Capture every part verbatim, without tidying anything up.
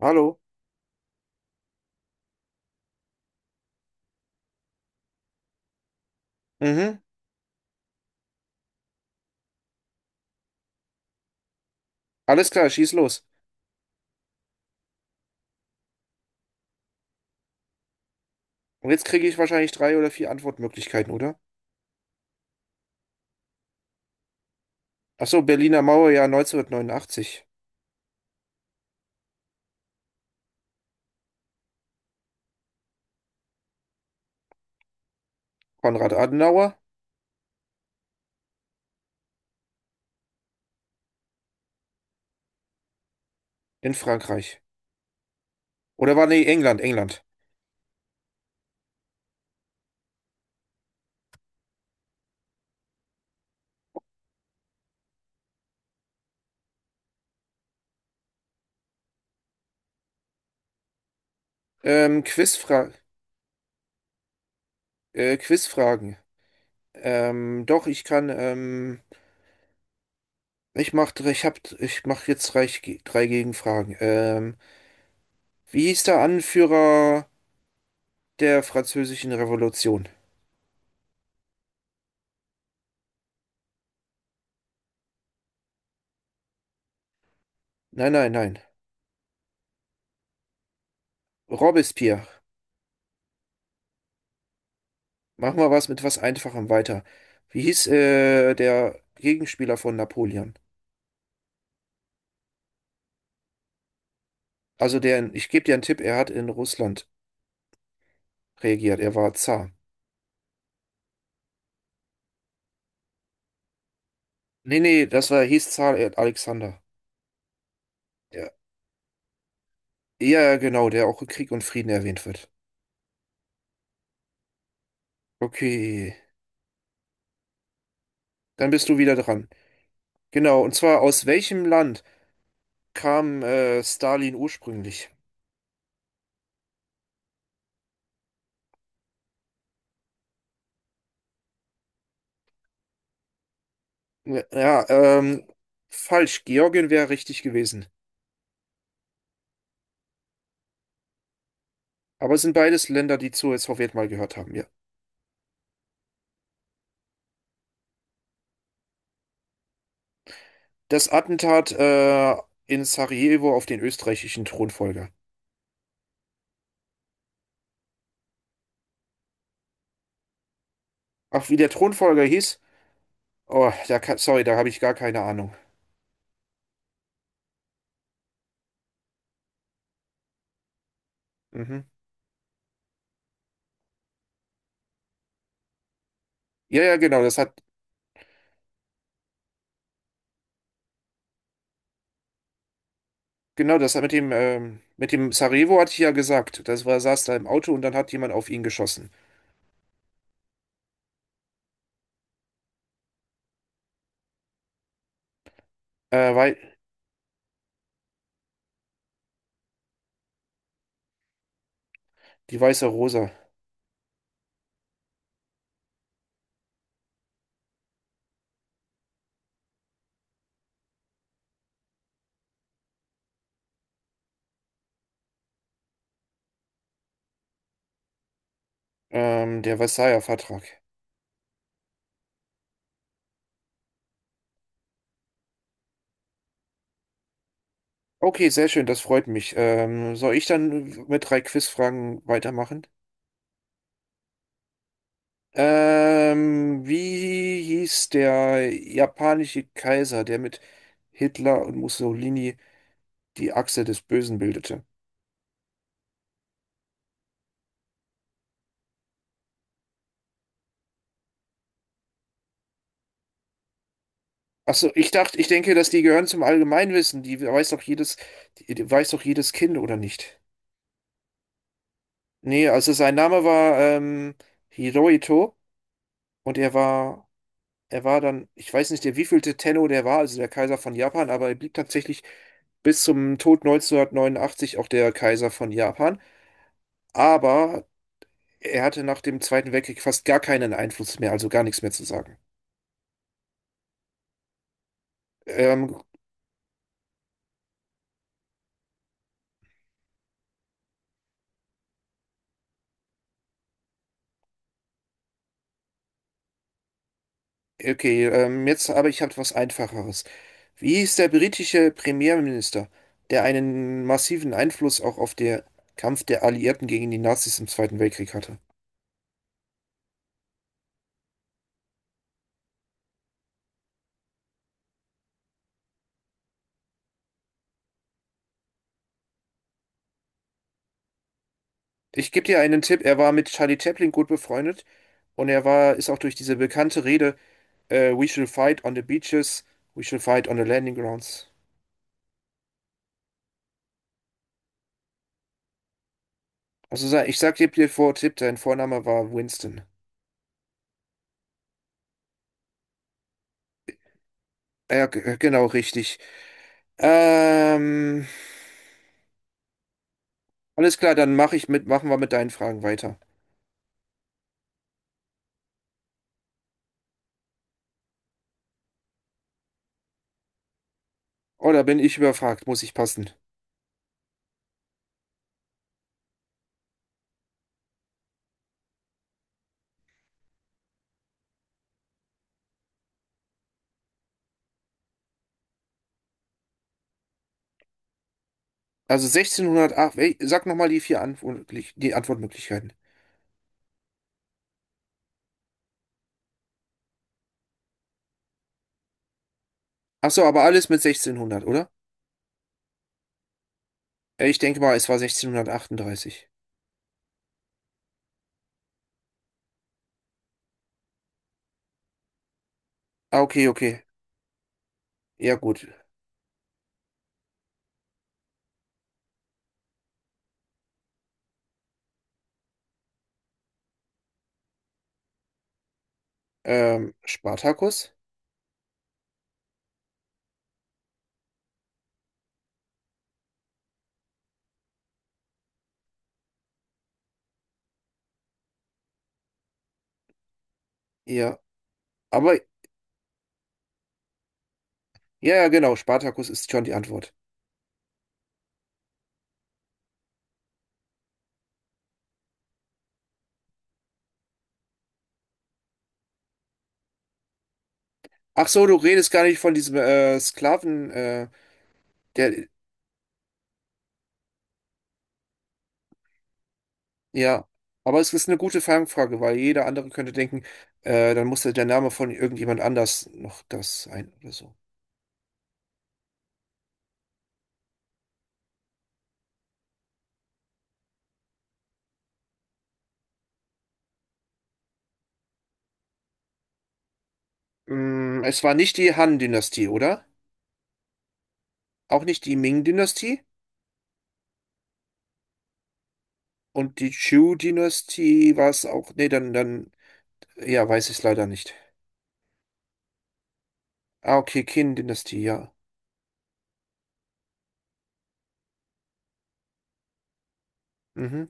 Hallo? Mhm. Alles klar, schieß los. Und jetzt kriege ich wahrscheinlich drei oder vier Antwortmöglichkeiten, oder? Ach so, Berliner Mauer, ja, neunzehnhundertneunundachtzig. Konrad Adenauer in Frankreich. Oder war, nee, England, England. Ähm, Quizfra äh, Quizfragen. Ähm, doch, ich kann, ähm, ich mach, dr- ich hab, ich mach jetzt drei, drei Gegenfragen. Ähm, wie hieß der Anführer der Französischen Revolution? Nein, nein, nein. Robespierre. Machen wir was mit was Einfachem weiter. Wie hieß äh, der Gegenspieler von Napoleon? Also der, in- ich gebe dir einen Tipp, er hat in Russland regiert, er war Zar. Nee, nee, das war, hieß Zar äh, Alexander. Ja, ja, genau, der auch in Krieg und Frieden erwähnt wird. Okay, dann bist du wieder dran. Genau, und zwar aus welchem Land kam äh, Stalin ursprünglich? Ja, ja, ähm, falsch, Georgien wäre richtig gewesen. Aber es sind beides Länder, die zur Sowjet mal gehört haben, ja. Das Attentat äh, in Sarajevo auf den österreichischen Thronfolger. Ach, wie der Thronfolger hieß? Oh, da kann, sorry, da habe ich gar keine Ahnung. Mhm. Ja, ja, genau, das hat, genau, das hat mit dem, ähm, mit dem Sarajevo hatte ich ja gesagt. Das war, saß da im Auto und dann hat jemand auf ihn geschossen. Äh, weil, die Weiße Rosa. Ähm, der Versailler Vertrag. Okay, sehr schön, das freut mich. Ähm, soll ich dann mit drei Quizfragen weitermachen? Ähm, wie hieß der japanische Kaiser, der mit Hitler und Mussolini die Achse des Bösen bildete? Achso, ich dachte, ich denke, dass die gehören zum Allgemeinwissen. Die weiß doch jedes, die die weiß doch jedes Kind, oder nicht? Nee, also sein Name war ähm, Hirohito und er war, er war dann, ich weiß nicht, der wievielte Tenno der war, also der Kaiser von Japan, aber er blieb tatsächlich bis zum Tod neunzehnhundertneunundachtzig auch der Kaiser von Japan. Aber er hatte nach dem Zweiten Weltkrieg fast gar keinen Einfluss mehr, also gar nichts mehr zu sagen. Ähm, okay, ähm, jetzt aber ich habe was Einfacheres. Wie hieß der britische Premierminister, der einen massiven Einfluss auch auf den Kampf der Alliierten gegen die Nazis im Zweiten Weltkrieg hatte? Ich gebe dir einen Tipp, er war mit Charlie Chaplin gut befreundet und er war, ist auch durch diese bekannte Rede, äh, We shall fight on the beaches, we shall fight on the landing grounds. Also sa- ich sag dir dir vor, Tipp, dein Vorname war Winston. Ja, g- genau, richtig. Ähm, alles klar, dann mache ich mit, machen wir mit deinen Fragen weiter. Oh, da bin ich überfragt, muss ich passen. Also sechzehnhundertacht, ey, sag nochmal die vier Antwortmöglich- die Antwortmöglichkeiten. Ach so, aber alles mit sechzehnhundert, oder? Äh, Ich denke mal, es war sechzehnhundertachtunddreißig. Ah, okay, okay. Ja, gut. Ähm, Spartacus? Ja, aber, ja, ja, genau, Spartacus ist schon die Antwort. Ach so, du redest gar nicht von diesem äh, Sklaven, äh, der, Ja, aber es ist eine gute Fangfrage, weil jeder andere könnte denken, äh, dann musste der Name von irgendjemand anders noch das sein oder so. Mm, es war nicht die Han-Dynastie, oder? Auch nicht die Ming-Dynastie? Und die Chu-Dynastie war es auch. Nee, dann, dann, ja, weiß ich es leider nicht. Ah, okay, Qin-Dynastie, ja. Mhm.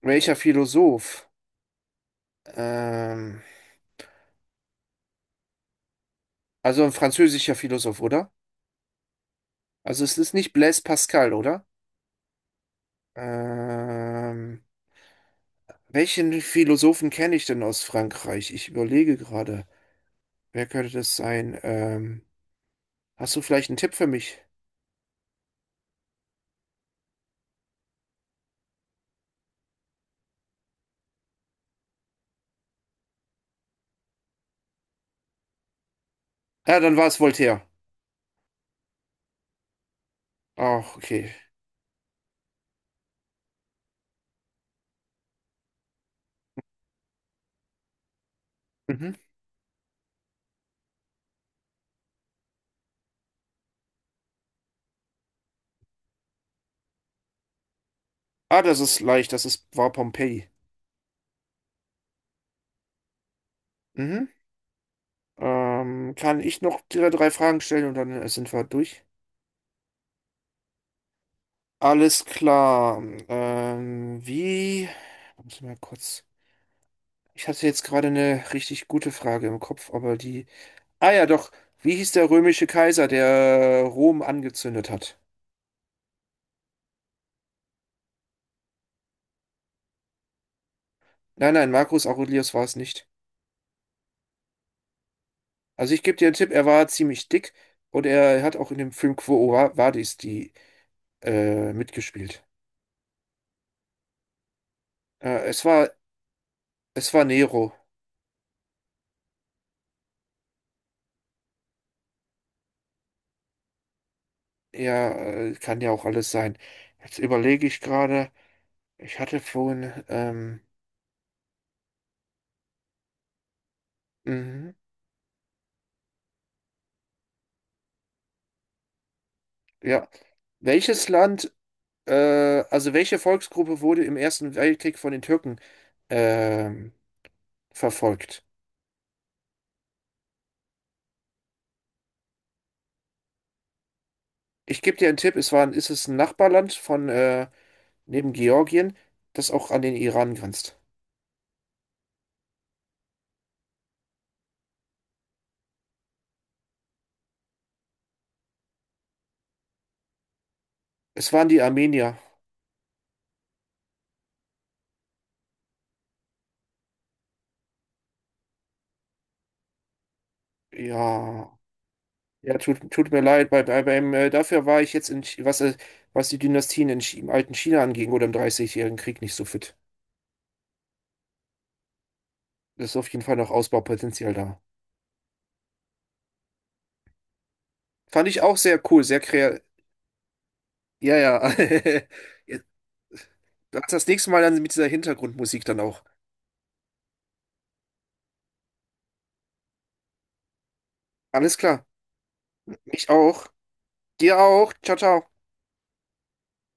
Welcher Philosoph? Ähm, also ein französischer Philosoph, oder? Also es ist nicht Blaise Pascal, oder? Ähm, Welchen Philosophen kenne ich denn aus Frankreich? Ich überlege gerade, wer könnte das sein? Ähm, hast du vielleicht einen Tipp für mich? Ja, dann war es Voltaire. Ach, okay. Mhm. Ah, das ist leicht, das ist, war Pompeji. Mhm. Ähm, kann ich noch drei, drei Fragen stellen und dann äh, sind wir durch? Alles klar. Ähm, wie? Muss ich mal kurz. Ich hatte jetzt gerade eine richtig gute Frage im Kopf, aber die. Ah ja, doch. Wie hieß der römische Kaiser, der Rom angezündet hat? Nein, nein, Marcus Aurelius war es nicht. Also ich gebe dir einen Tipp, er war ziemlich dick und er hat auch in dem Film Quo Va- Vadis die äh, mitgespielt. Äh, es war, es war Nero. Er äh, kann ja auch alles sein. Jetzt überlege ich gerade, ich hatte vorhin, ähm, mhm, ja, welches Land, äh, also welche Volksgruppe wurde im Ersten Weltkrieg von den Türken ähm, verfolgt? Ich gebe dir einen Tipp, es war, ein- ist es ein Nachbarland von äh, neben Georgien, das auch an den Iran grenzt. Es waren die Armenier. Ja, ja, tut, tut mir leid. Bei, bei, beim, äh, dafür war ich jetzt in, Chi- was, äh, was die Dynastien in, Chi- im alten China anging oder im Dreißigjährigen Krieg nicht so fit. Das ist auf jeden Fall noch Ausbaupotenzial da. Fand ich auch sehr cool, sehr kreativ. Ja, ja. Jetzt- Das nächste Mal dann mit dieser Hintergrundmusik dann auch. Alles klar. Mich auch. Dir auch. Ciao, ciao.